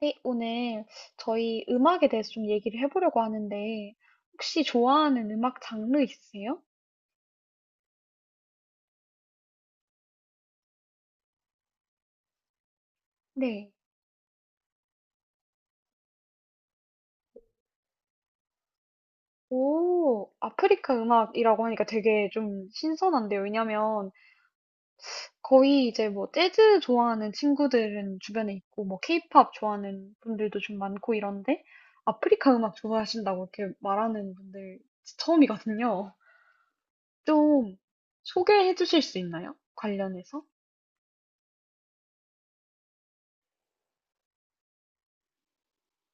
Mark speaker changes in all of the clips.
Speaker 1: 네, 오늘 저희 음악에 대해서 좀 얘기를 해보려고 하는데, 혹시 좋아하는 음악 장르 있으세요? 네. 오, 아프리카 음악이라고 하니까 되게 좀 신선한데요. 왜냐면 거의 이제 뭐 재즈 좋아하는 친구들은 주변에 있고, 뭐 케이팝 좋아하는 분들도 좀 많고 이런데, 아프리카 음악 좋아하신다고 이렇게 말하는 분들 처음이거든요. 좀 소개해 주실 수 있나요? 관련해서?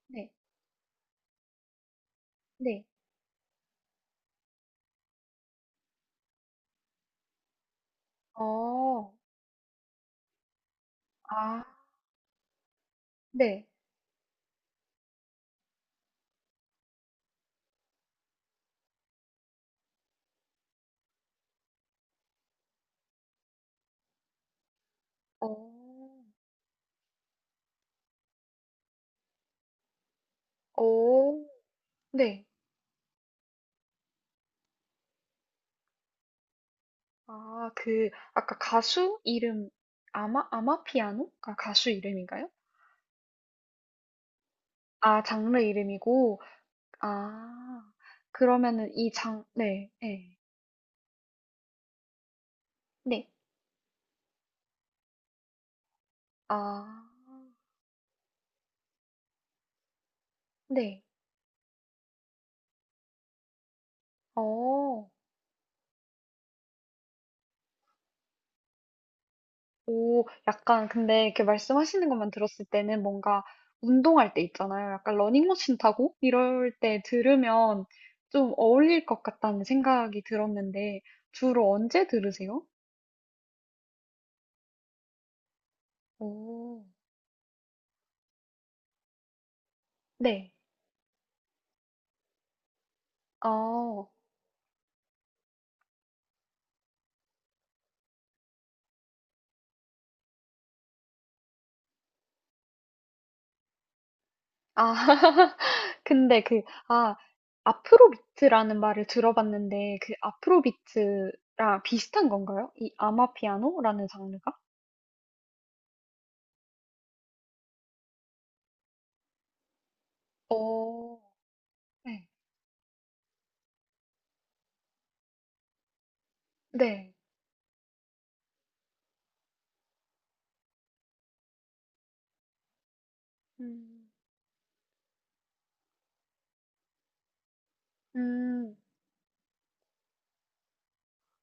Speaker 1: 네, 네. 어, 아, 네. 어. 오, 네. 아 그 아까 가수 이름 아마 아마피아노가 가수 이름인가요? 아, 장르 이름이고. 아. 그러면은 이 장 네. 네, 네. 아. 네. 어. 오, 약간 근데 이렇게 말씀하시는 것만 들었을 때는 뭔가 운동할 때 있잖아요. 약간 러닝머신 타고 이럴 때 들으면 좀 어울릴 것 같다는 생각이 들었는데 주로 언제 들으세요? 오, 네. 어, 아, 근데 그, 아, 아프로비트라는 말을 들어봤는데, 그 아프로비트랑 비슷한 건가요? 이 아마피아노라는 장르가? 오, 네. 네. 음, 음,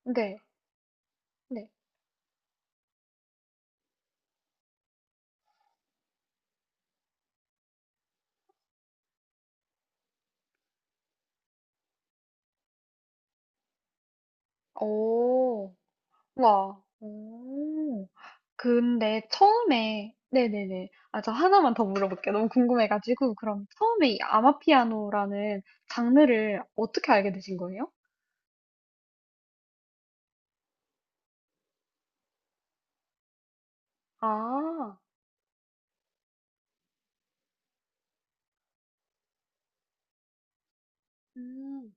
Speaker 1: 네. 네. 오, 와. 오. 근데 처음에 네네네. 아 저 하나만 더 물어볼게요. 너무 궁금해 가지고. 그럼 처음에 이 아마피아노라는 장르를 어떻게 알게 되신 거예요? 아. 음.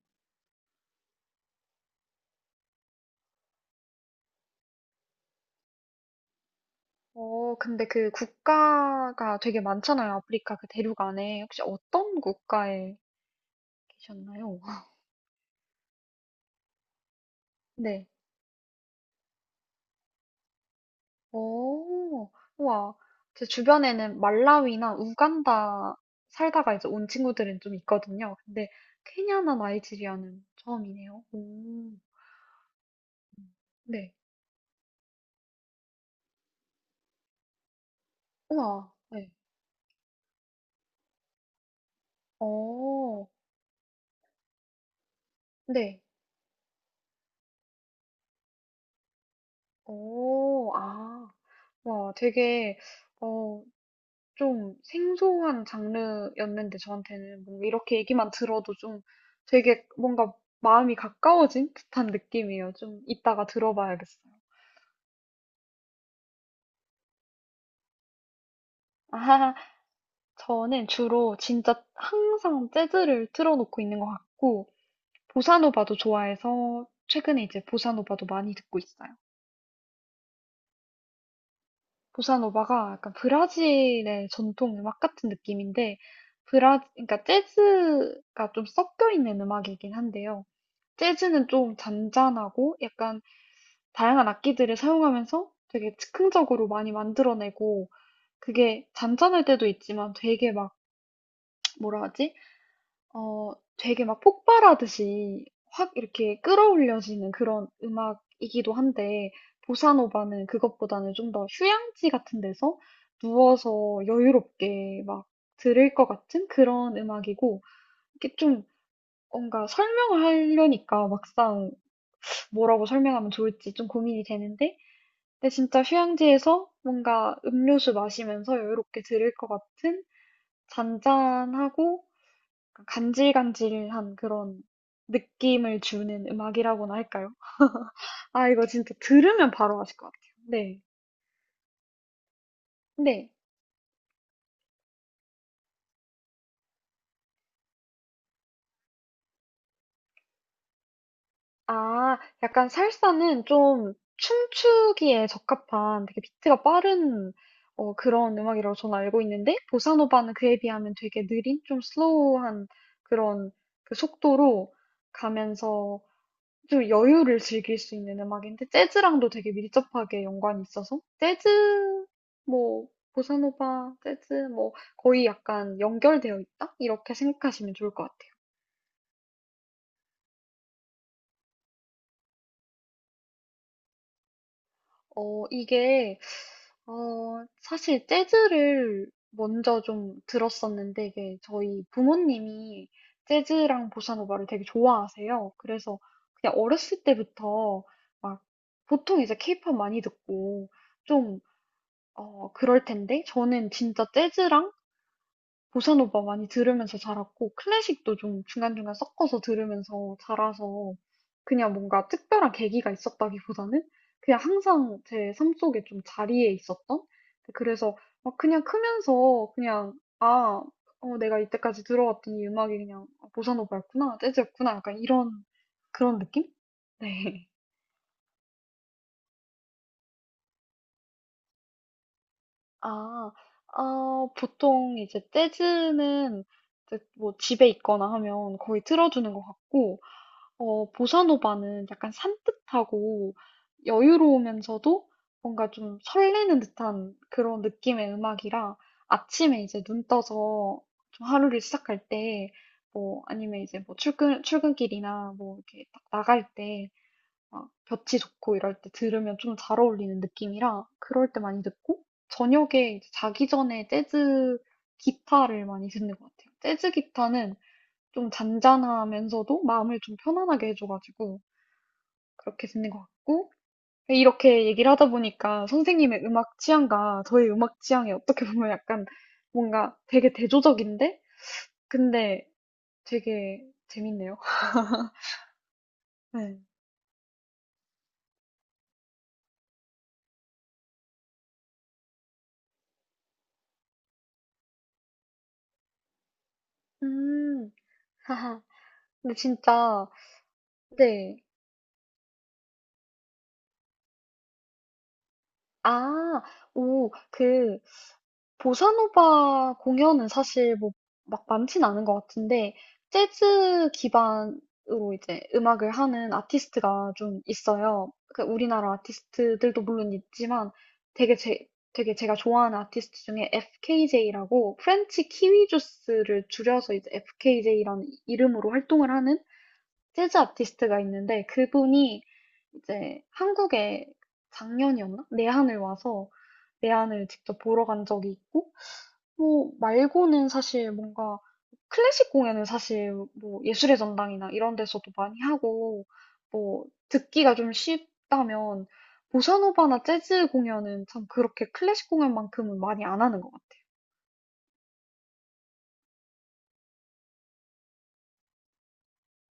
Speaker 1: 어 근데 그 국가가 되게 많잖아요. 아프리카 그 대륙 안에. 혹시 어떤 국가에 계셨나요? 네. 오 우와. 제 주변에는 말라위나 우간다 살다가 이제 온 친구들은 좀 있거든요. 근데 케냐나 나이지리아는 처음이네요. 오. 음. 네. 우와. 네. 어. 네. 어. 아. 와 되게 어 좀 생소한 장르였는데 저한테는 뭔가 이렇게 얘기만 들어도 좀 되게 뭔가 마음이 가까워진 듯한 느낌이에요. 좀 이따가 들어봐야겠어요. 아. 저는 주로 진짜 항상 재즈를 틀어 놓고 있는 것 같고 보사노바도 좋아해서 최근에 이제 보사노바도 많이 듣고 있어요. 보사노바가 약간 브라질의 전통 음악 같은 느낌인데 브라 그러니까 재즈가 좀 섞여 있는 음악이긴 한데요. 재즈는 좀 잔잔하고 약간 다양한 악기들을 사용하면서 되게 즉흥적으로 많이 만들어내고 그게 잔잔할 때도 있지만 되게 막 뭐라 하지? 어, 되게 막 폭발하듯이 확 이렇게 끌어올려지는 그런 음악이기도 한데, 보사노바는 그것보다는 좀 더 휴양지 같은 데서 누워서 여유롭게 막 들을 것 같은 그런 음악이고, 이게 좀 뭔가 설명을 하려니까 막상 뭐라고 설명하면 좋을지 좀 고민이 되는데, 근데 진짜 휴양지에서 뭔가 음료수 마시면서 여유롭게 들을 것 같은 잔잔하고 간질간질한 그런 느낌을 주는 음악이라고나 할까요? 아, 이거 진짜 들으면 바로 아실 것 같아요. 네. 네. 아, 약간 살사는 좀 춤추기에 적합한 되게 비트가 빠른 그런 음악이라고 저는 알고 있는데, 보사노바는 그에 비하면 되게 느린, 좀 슬로우한 그런 그 속도로 가면서 좀 여유를 즐길 수 있는 음악인데 재즈랑도 되게 밀접하게 연관이 있어서 재즈 뭐 보사노바 재즈 뭐 거의 약간 연결되어 있다 이렇게 생각하시면 좋을 것 같아요. 어 이게 어 사실 재즈를 먼저 좀 들었었는데 이게 저희 부모님이 재즈랑 보사노바를 되게 좋아하세요. 그래서 그냥 어렸을 때부터 막 보통 이제 케이팝 많이 듣고 좀 그럴 텐데 저는 진짜 재즈랑 보사노바 많이 들으면서 자랐고 클래식도 좀 중간중간 섞어서 들으면서 자라서 그냥 뭔가 특별한 계기가 있었다기보다는 그냥 항상 제 삶 속에 좀 자리에 있었던 네, 그래서 막 그냥 크면서 그냥 아, 내가 이때까지 들어왔던 이 음악이 그냥 보사노바였구나, 재즈였구나 약간 이런 그런 느낌? 네. 아, 어, 보통 이제 재즈는 이제 뭐 집에 있거나 하면 거의 틀어주는 것 같고, 어, 보사노바는 약간 산뜻하고 여유로우면서도 뭔가 좀 설레는 듯한 그런 느낌의 음악이라 아침에 이제 눈 떠서 좀 하루를 시작할 때, 뭐 아니면 이제 뭐 출근, 출근길이나 뭐 이렇게 딱 나갈 때 막 볕이 좋고 이럴 때 들으면 좀 잘 어울리는 느낌이라 그럴 때 많이 듣고 저녁에 이제 자기 전에 재즈 기타를 많이 듣는 것 같아요. 재즈 기타는 좀 잔잔하면서도 마음을 좀 편안하게 해줘가지고 그렇게 듣는 것 같고 이렇게 얘기를 하다 보니까 선생님의 음악 취향과 저의 음악 취향이 어떻게 보면 약간 뭔가 되게 대조적인데 근데 되게 재밌네요. 네. 음, 하하. 근데 진짜 네. 아. 오 그 보사노바 공연은 사실 뭐 막 많진 않은 것 같은데 재즈 기반으로 이제 음악을 하는 아티스트가 좀 있어요. 그 우리나라 아티스트들도 물론 있지만 되게 제 되게 제가 좋아하는 아티스트 중에 FKJ라고 프렌치 키위 주스를 줄여서 이제 FKJ라는 이름으로 활동을 하는 재즈 아티스트가 있는데 그분이 이제 한국에 작년이었나? 내한을 와서 내한을 직접 보러 간 적이 있고, 뭐 말고는 사실 뭔가 클래식 공연은 사실 뭐 예술의 전당이나 이런 데서도 많이 하고, 뭐 듣기가 좀 쉽다면 보사노바나 재즈 공연은 참 그렇게 클래식 공연만큼은 많이 안 하는 것 같아요.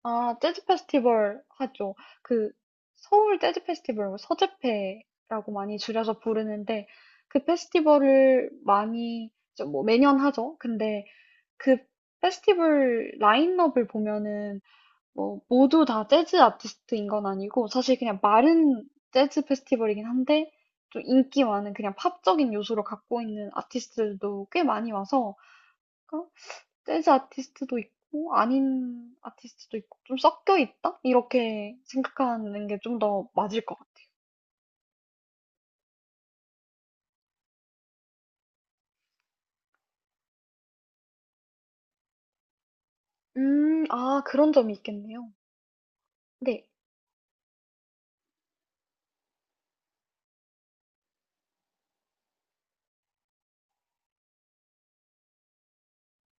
Speaker 1: 아, 재즈 페스티벌 하죠. 그, 서울 재즈 페스티벌, 뭐 서재페라고 많이 줄여서 부르는데, 그 페스티벌을 많이, 좀뭐 매년 하죠. 근데 그 페스티벌 라인업을 보면은, 뭐, 모두 다 재즈 아티스트인 건 아니고, 사실 그냥 마른 재즈 페스티벌이긴 한데, 좀 인기 많은 그냥 팝적인 요소를 갖고 있는 아티스트들도 꽤 많이 와서, 재즈 아티스트도 있고 아닌 아티스트도 있고 좀 섞여 있다? 이렇게 생각하는 게 좀 더 맞을 것 같아요. 아, 그런 점이 있겠네요. 네.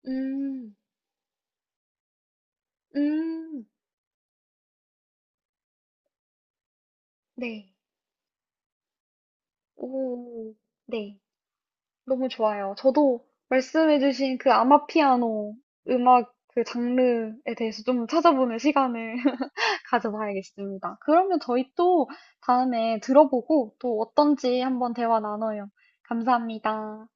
Speaker 1: 음, 음, 네. 오, 네. 너무 좋아요. 저도 말씀해주신 그 아마피아노 음악 그 장르에 대해서 좀 찾아보는 시간을 가져봐야겠습니다. 그러면 저희 또 다음에 들어보고 또 어떤지 한번 대화 나눠요. 감사합니다.